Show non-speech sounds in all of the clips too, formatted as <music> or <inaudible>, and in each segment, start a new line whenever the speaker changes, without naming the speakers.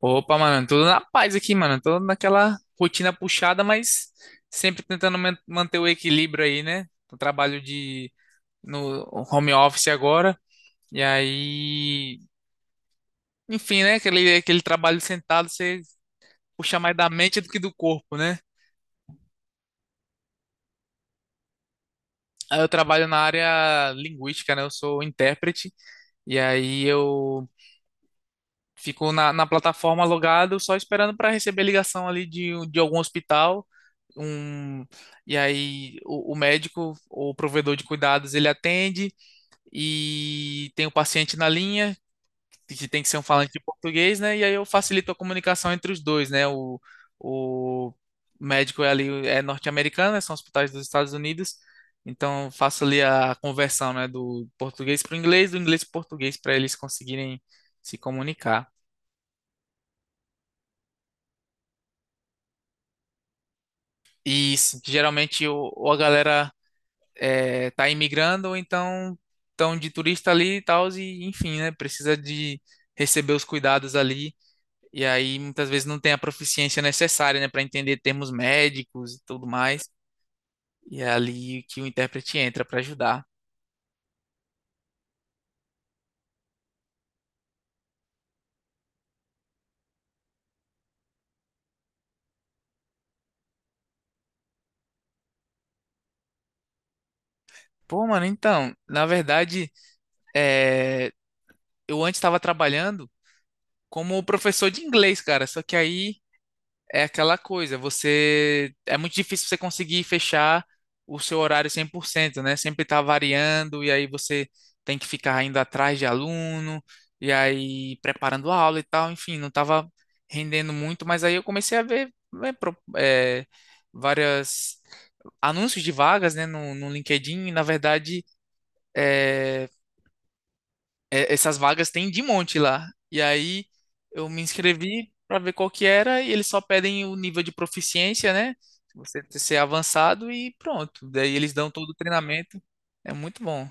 Opa, mano, tudo na paz aqui, mano. Tô naquela rotina puxada, mas sempre tentando manter o equilíbrio aí, né? Eu trabalho de no home office agora, e aí, enfim, né? Aquele trabalho sentado, você puxa mais da mente do que do corpo, né? Aí eu trabalho na área linguística, né? Eu sou intérprete, e aí eu ficou na plataforma logado, só esperando para receber ligação ali de algum hospital. Um, e aí o médico ou o provedor de cuidados, ele atende e tem o paciente na linha, que tem que ser um falante de português, né? E aí eu facilito a comunicação entre os dois, né? O médico é ali é norte-americano, né? São hospitais dos Estados Unidos. Então eu faço ali a conversão, né, do português para o inglês, do inglês para o português, para eles conseguirem se comunicar. Isso, geralmente ou a galera tá imigrando, ou então estão de turista ali e tal, e enfim, né? Precisa de receber os cuidados ali. E aí muitas vezes não tem a proficiência necessária, né, para entender termos médicos e tudo mais. E é ali que o intérprete entra para ajudar. Pô, mano, então, na verdade, é, eu antes estava trabalhando como professor de inglês, cara, só que aí é aquela coisa, você é muito difícil você conseguir fechar o seu horário 100%, né? Sempre tá variando e aí você tem que ficar indo atrás de aluno e aí preparando a aula e tal, enfim, não tava rendendo muito, mas aí eu comecei a ver, né, várias anúncios de vagas, né, no LinkedIn, e na verdade é, essas vagas tem de monte lá. E aí eu me inscrevi para ver qual que era, e eles só pedem o nível de proficiência, né? Você ser avançado e pronto. Daí eles dão todo o treinamento. É muito bom.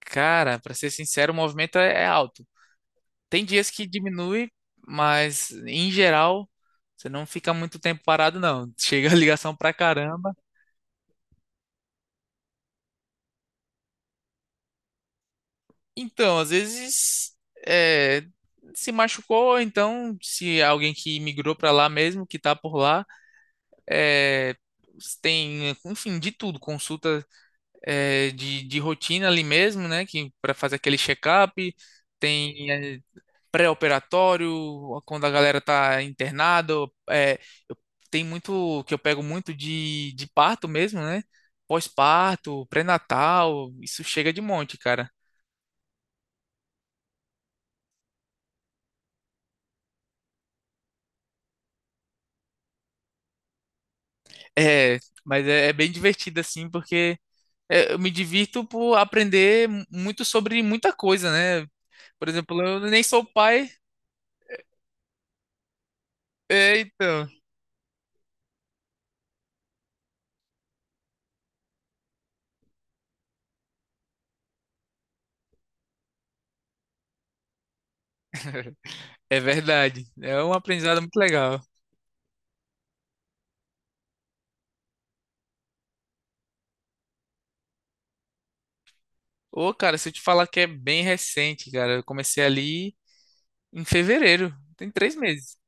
Cara, para ser sincero, o movimento é alto. Tem dias que diminui, mas em geral você não fica muito tempo parado, não. <laughs> Chega a ligação pra caramba. Então, às vezes, é, se machucou, então se alguém que migrou pra lá mesmo, que tá por lá, É, tem, enfim, de tudo, consulta de rotina ali mesmo, né? Que para fazer aquele check-up, tem, pré-operatório, quando a galera tá internada, é, eu- tem muito que eu pego muito de parto mesmo, né? Pós-parto, pré-natal, isso chega de monte, cara. É, mas é bem divertido assim, porque eu me divirto por aprender muito sobre muita coisa, né? Por exemplo, eu nem sou pai. É, então, é verdade. É um aprendizado muito legal. Ô, cara, se eu te falar que é bem recente, cara, eu comecei ali em fevereiro, tem 3 meses.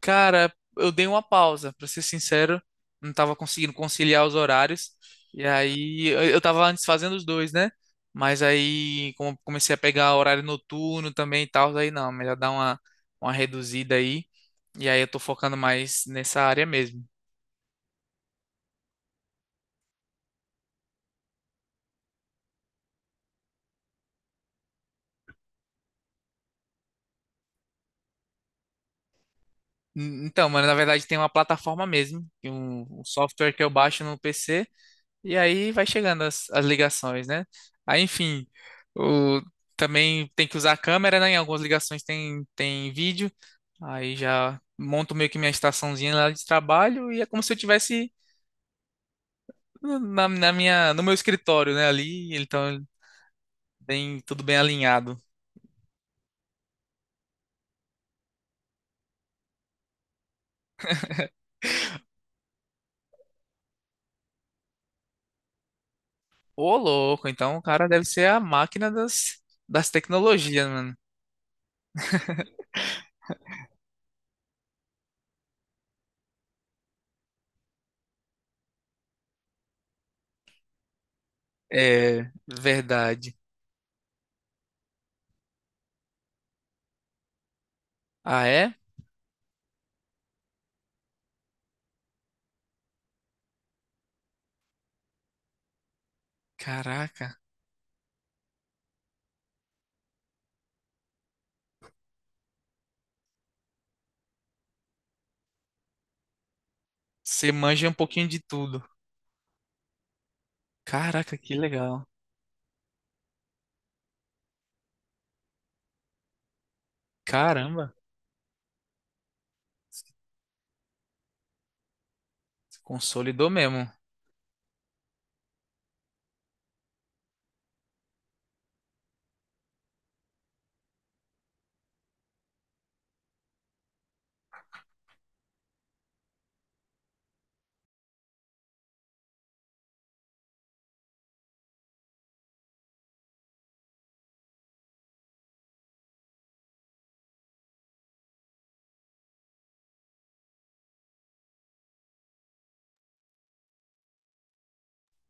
Cara, eu dei uma pausa, pra ser sincero, não tava conseguindo conciliar os horários. E aí, eu tava antes fazendo os dois, né? Mas aí, como eu comecei a pegar horário noturno também e tal, aí não, melhor dar uma, reduzida aí. E aí, eu tô focando mais nessa área mesmo. Então, mano, na verdade tem uma plataforma mesmo, que um software que eu baixo no PC, e aí vai chegando as ligações, né? Aí, enfim, o, também tem que usar a câmera, né? Em algumas ligações, tem vídeo, aí já monto meio que minha estaçãozinha lá de trabalho, e é como se eu tivesse na minha, no meu escritório, né? Ali, então, bem, tudo bem alinhado. Ô, louco, então o cara deve ser a máquina das tecnologias, mano. É, verdade. Ah, é? Caraca, você manja um pouquinho de tudo. Caraca, que legal. Caramba, consolidou mesmo.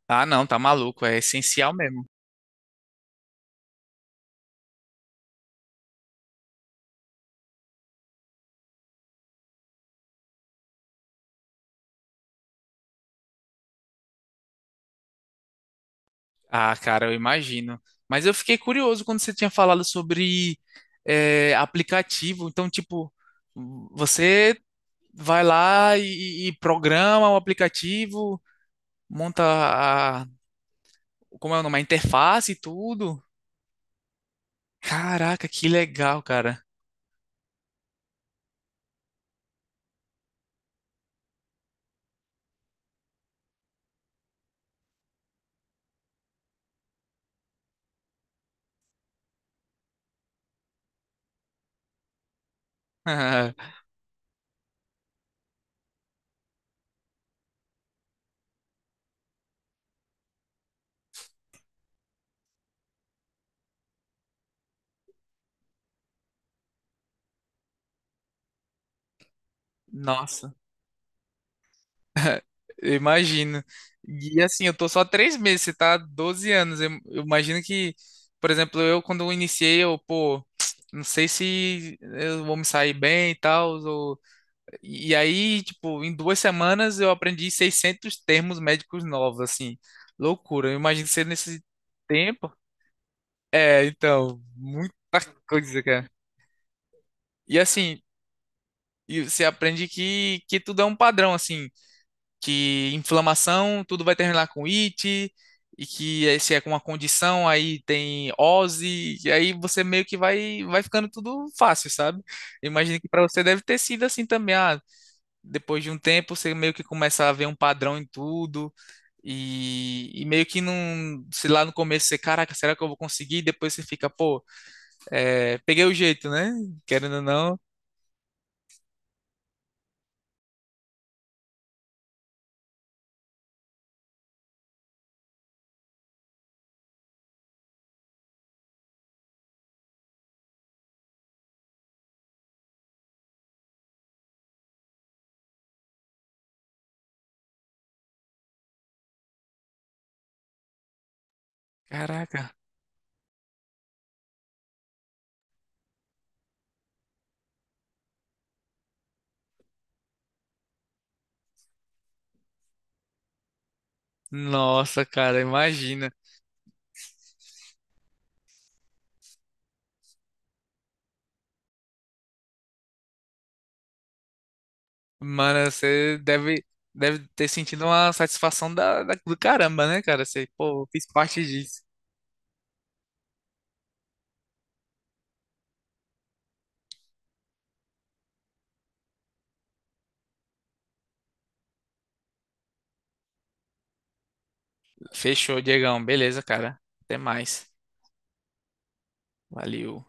Ah, não, tá maluco, é essencial mesmo. Ah, cara, eu imagino. Mas eu fiquei curioso quando você tinha falado sobre aplicativo. Então, tipo, você vai lá e programa o aplicativo, monta a, como é o nome, a interface e tudo. Caraca, que legal, cara. <laughs> Nossa. <laughs> Eu imagino. E assim, eu tô só 3 meses, você tá há 12 anos. Eu imagino que, por exemplo, eu quando eu iniciei, eu, pô, <tsk> não sei se eu vou me sair bem e tal. Ou... E aí, tipo, em 2 semanas eu aprendi 600 termos médicos novos, assim. Loucura. Eu imagino que você nesse tempo. É, então, muita coisa, cara. E assim, e você aprende que tudo é um padrão, assim. Que inflamação, tudo vai terminar com it, e que aí, se é com uma condição, aí tem ose, e aí você meio que vai ficando tudo fácil, sabe? Imagino que para você deve ter sido assim também. Depois de um tempo você meio que começa a ver um padrão em tudo, e meio que não, sei lá, no começo você, caraca, será que eu vou conseguir? E depois você fica, pô, peguei o jeito, né? Querendo ou não, caraca. Nossa, cara, imagina. Mano, você deve ter sentido uma satisfação do caramba, né, cara? Você, pô, eu fiz parte disso. Fechou, Diegão. Beleza, cara. Até mais. Valeu.